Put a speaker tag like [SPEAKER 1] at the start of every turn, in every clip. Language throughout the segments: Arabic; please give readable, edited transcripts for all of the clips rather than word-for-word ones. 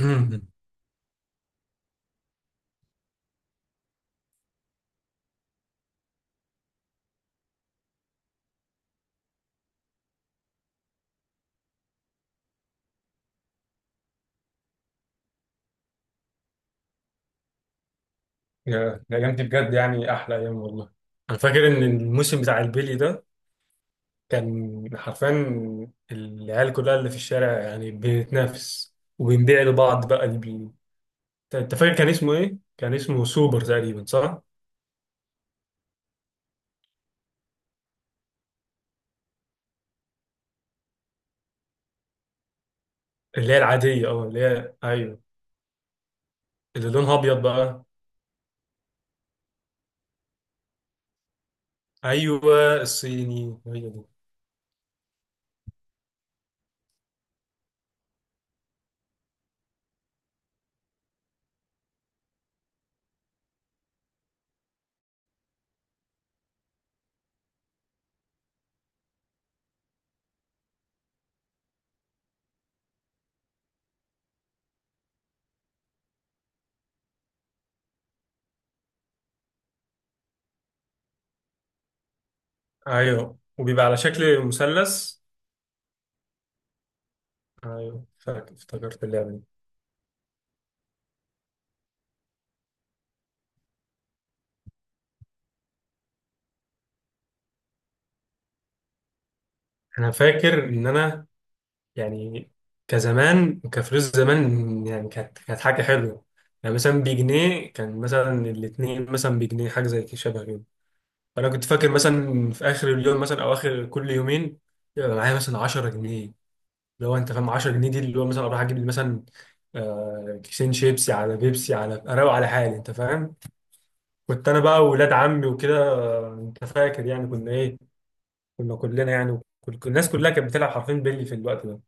[SPEAKER 1] مم. الأيام دي بجد يعني أحلى أيام والله. أنا فاكر إن الموسم بتاع البيلي ده كان حرفيا العيال كلها اللي في الشارع يعني بنتنافس وبنبيع لبعض بقى أنت فاكر كان اسمه إيه؟ كان اسمه سوبر تقريبا صح؟ اللي هي العادية، أه اللي هي، أيوه اللي لونها أبيض بقى، أيوه الصيني هي دي. أيوه وبيبقى على شكل مثلث. أيوه فاكر، افتكرت اللعبة دي. أنا فاكر إن أنا يعني كزمان، كفلوس زمان، يعني كانت حاجة حلوة. يعني مثلا بجنيه، كان مثلا الاتنين مثلا بجنيه، حاجة زي كده شبه كده. فأنا كنت فاكر مثلا في آخر اليوم مثلا أو آخر كل يومين يبقى معايا مثلا 10 جنيه، اللي هو أنت فاهم 10 جنيه دي اللي هو مثلا أروح أجيب لي مثلا كيسين شيبسي على بيبسي، على أروق على حالي، أنت فاهم. كنت أنا بقى وولاد عمي وكده، أنت فاكر يعني كنا إيه، كنا كلنا يعني الناس كلها كانت بتلعب حرفيا بيلي في الوقت ده.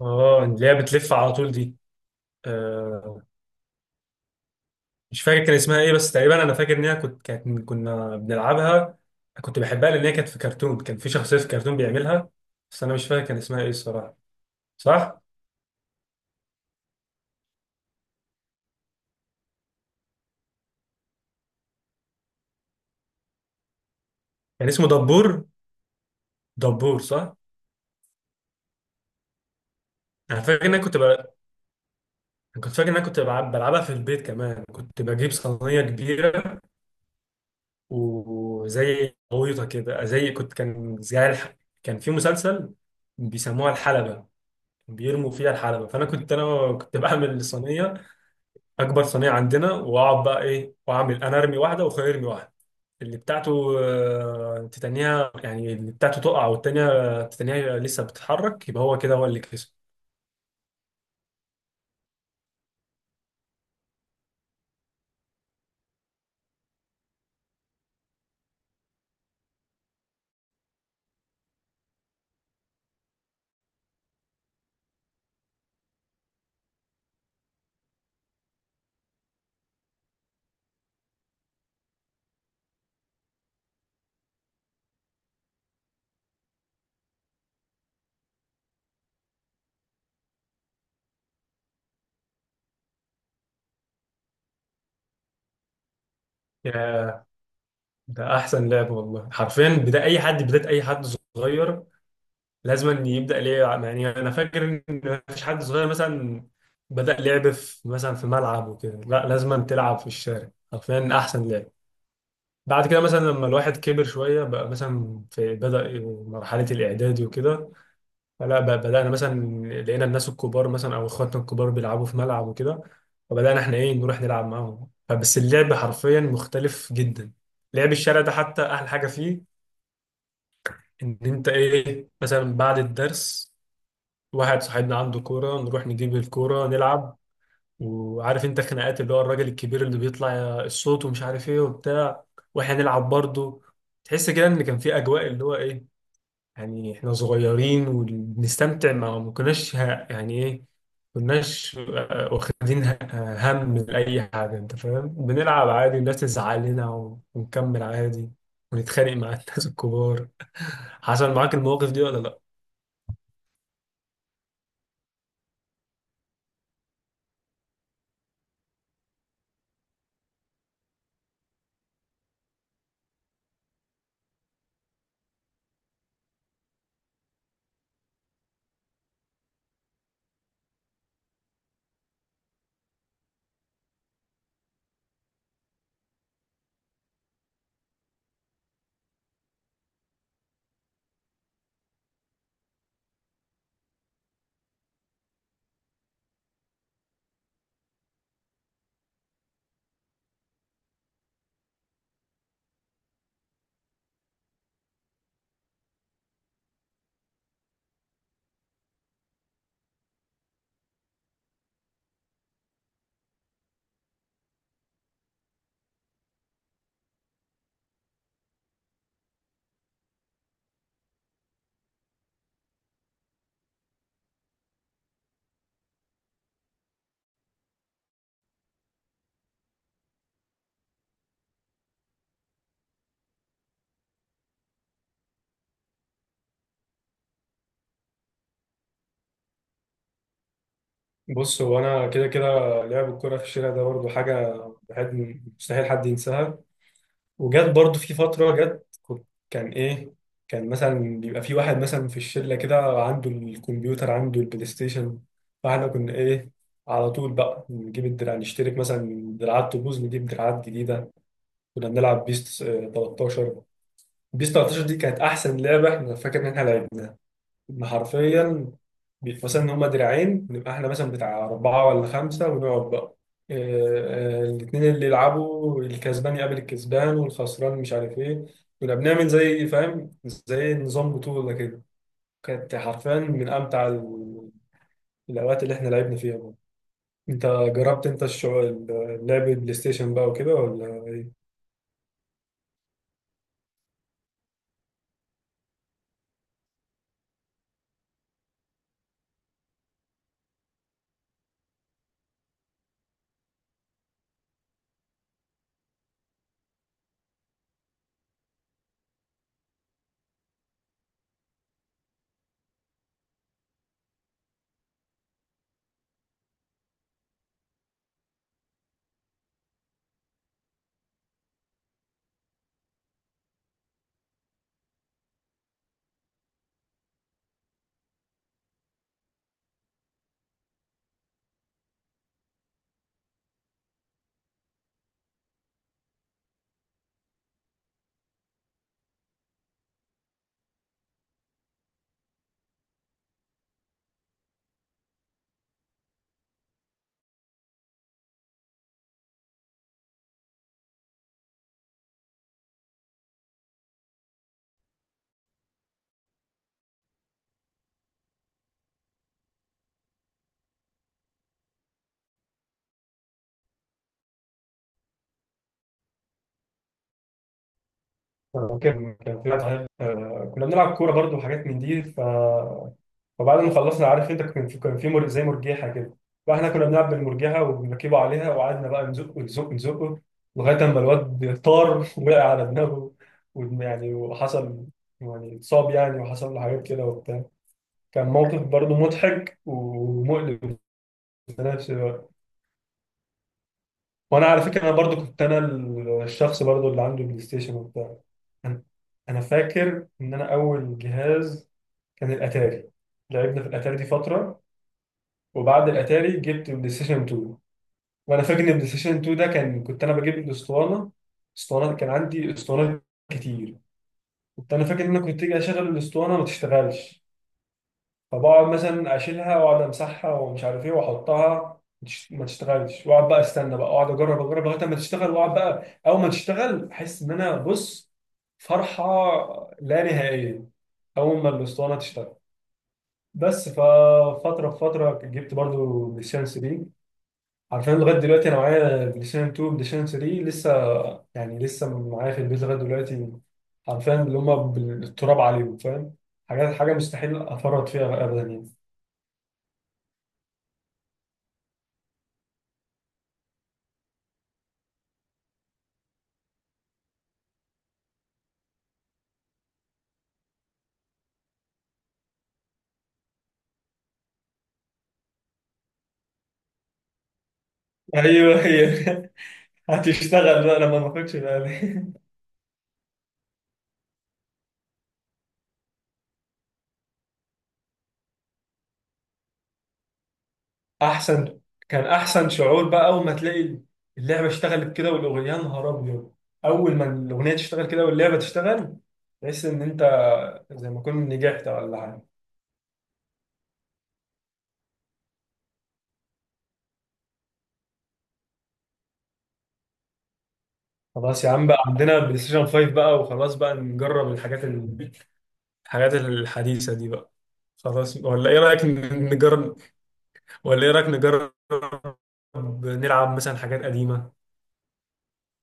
[SPEAKER 1] اه اللي هي بتلف على طول دي، آه، مش فاكر كان اسمها ايه، بس تقريبا انا فاكر ان هي كانت كنا بنلعبها. كنت بحبها لان هي كانت في كرتون، كان في شخصيه في كرتون بيعملها. بس انا مش فاكر كان اسمها ايه الصراحه. صح، كان اسمه دبور. دبور صح. انا فاكر ان انا كنت بل... كنت فاكر ان انا بلعبها في البيت كمان. كنت بجيب صينيه كبيره، وزي غويطه كده، زي كنت كان زي الح... كان في مسلسل بيسموها الحلبه، بيرموا فيها الحلبه. فانا كنت انا كنت بعمل صينيه، اكبر صينيه عندنا، واقعد بقى ايه واعمل، انا ارمي واحده واخويا يرمي واحده. اللي بتاعته تتنيها، يعني اللي بتاعته تقع والتانية تتنيها لسه بتتحرك، يبقى هو كده هو اللي كسب. يا ده احسن لعب والله، حرفيا بدأ اي حد، بداية اي حد صغير لازم أن يبدأ ليه. يعني انا فاكر ان مفيش حد صغير مثلا بدأ لعب في مثلا في ملعب وكده، لا لازم أن تلعب في الشارع، حرفيا احسن لعب. بعد كده مثلا لما الواحد كبر شوية بقى، مثلا في بدأ مرحلة الإعدادي وكده، فلا بدأنا مثلا، لقينا الناس الكبار مثلا أو إخواتنا الكبار بيلعبوا في ملعب وكده، فبدأنا إحنا إيه، نروح نلعب معاهم. فبس اللعب حرفيا مختلف جدا، لعب الشارع ده حتى أحلى حاجة فيه، إن أنت إيه مثلا بعد الدرس، واحد صاحبنا عنده كورة، نروح نجيب الكورة نلعب. وعارف أنت خناقات اللي هو الراجل الكبير اللي بيطلع الصوت ومش عارف إيه وبتاع، وإحنا نلعب برضه. تحس كده إن كان في أجواء اللي هو إيه، يعني احنا صغيرين وبنستمتع، ما يعني ايه، كناش واخدين هم لأي حاجة انت فاهم، بنلعب عادي، الناس تزعل لنا ونكمل عادي، ونتخانق مع الناس الكبار. حصل معاك المواقف دي ولا لا؟ بص هو انا كده كده لعب الكرة في الشارع ده برضو حاجة بحد، مستحيل حد ينساها. وجت برضو في فترة جت، كان إيه، كان مثلا بيبقى في واحد مثلا في الشلة كده عنده الكمبيوتر، عنده البلاي ستيشن، فاحنا كنا إيه، على طول بقى نجيب الدراع نشترك، مثلا دراعات تبوظ نجيب دراعات جديدة. كنا بنلعب بيس 13. بيس 13 دي كانت أحسن لعبة، إحنا فاكر إن إحنا لعبناها. إن حرفيا بيبقى مثلا ان هما دراعين نبقى احنا مثلا بتاع اربعه ولا خمسه، ونقعد بقى الاثنين اللي يلعبوا، الكسبان يقابل الكسبان والخسران مش عارف ايه. كنا بنعمل زي فاهم، زي نظام بطوله كده. كانت حرفيا من امتع الاوقات اللي احنا لعبنا فيها بقى. انت جربت انت الشغل، لعب بلاي ستيشن بقى وكده ولا ايه؟ كان في واحد صاحبي، كنا بنلعب كوره برضو وحاجات من دي. ف وبعد ما خلصنا عارف انت، كان في زي مرجيحه كده، فاحنا كنا بنلعب بالمرجيحه وبنركبه عليها، وقعدنا بقى نزق نزق نزقه لغايه اما الواد طار وقع على دماغه، يعني وحصل يعني، اتصاب يعني وحصل له حاجات كده وبتاع. كان موقف برضه مضحك ومؤلم في نفس الوقت. وانا على فكره انا برضه كنت انا الشخص برضه اللي عنده بلاي ستيشن وبتاع انا. أنا فاكر ان انا اول جهاز كان الاتاري، لعبنا في الاتاري دي فتره. وبعد الاتاري جبت بلاي ستيشن 2. وانا فاكر ان بلاي ستيشن 2 ده، كان كنت انا بجيب الاسطوانه، اسطوانات، كان عندي اسطوانات كتير. كنت انا فاكر ان انا كنت اجي اشغل الاسطوانه ما تشتغلش، فبقعد مثلا اشيلها واقعد امسحها ومش عارف ايه واحطها، ما تشتغلش، واقعد بقى استنى بقى اقعد اجرب اجرب لغايه ما تشتغل. واقعد بقى اول ما تشتغل احس ان انا بص، فرحه لا نهائيه اول ما الاسطوانه تشتغل. بس ففتره بفتره، فتره جبت برضو بلاي ستيشن 3. عارفين لغايه دلوقتي انا معايا بلاي ستيشن 2 بلاي ستيشن 3 لسه، يعني لسه معايا في البيت لغايه دلوقتي، عارفين اللي هم بالتراب عليهم فاهم، حاجات حاجه مستحيل افرط فيها ابدا يعني. ايوه هي هتشتغل بقى لما ما اخدش بالي. احسن، كان احسن شعور بقى اول ما تلاقي اللعبه اشتغلت كده والاغنيه، يا نهار ابيض، اول ما الاغنيه تشتغل كده واللعبه تشتغل تحس ان انت زي ما كنت نجحت ولا حاجه. خلاص يا عم بقى، عندنا بلاي ستيشن 5 بقى، وخلاص بقى نجرب الحاجات الحاجات الحديثة دي بقى. خلاص ولا ايه رأيك نجرب، ولا ايه رأيك نجرب نلعب مثلا حاجات قديمة،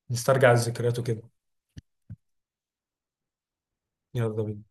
[SPEAKER 1] نسترجع الذكريات وكده. يلا بينا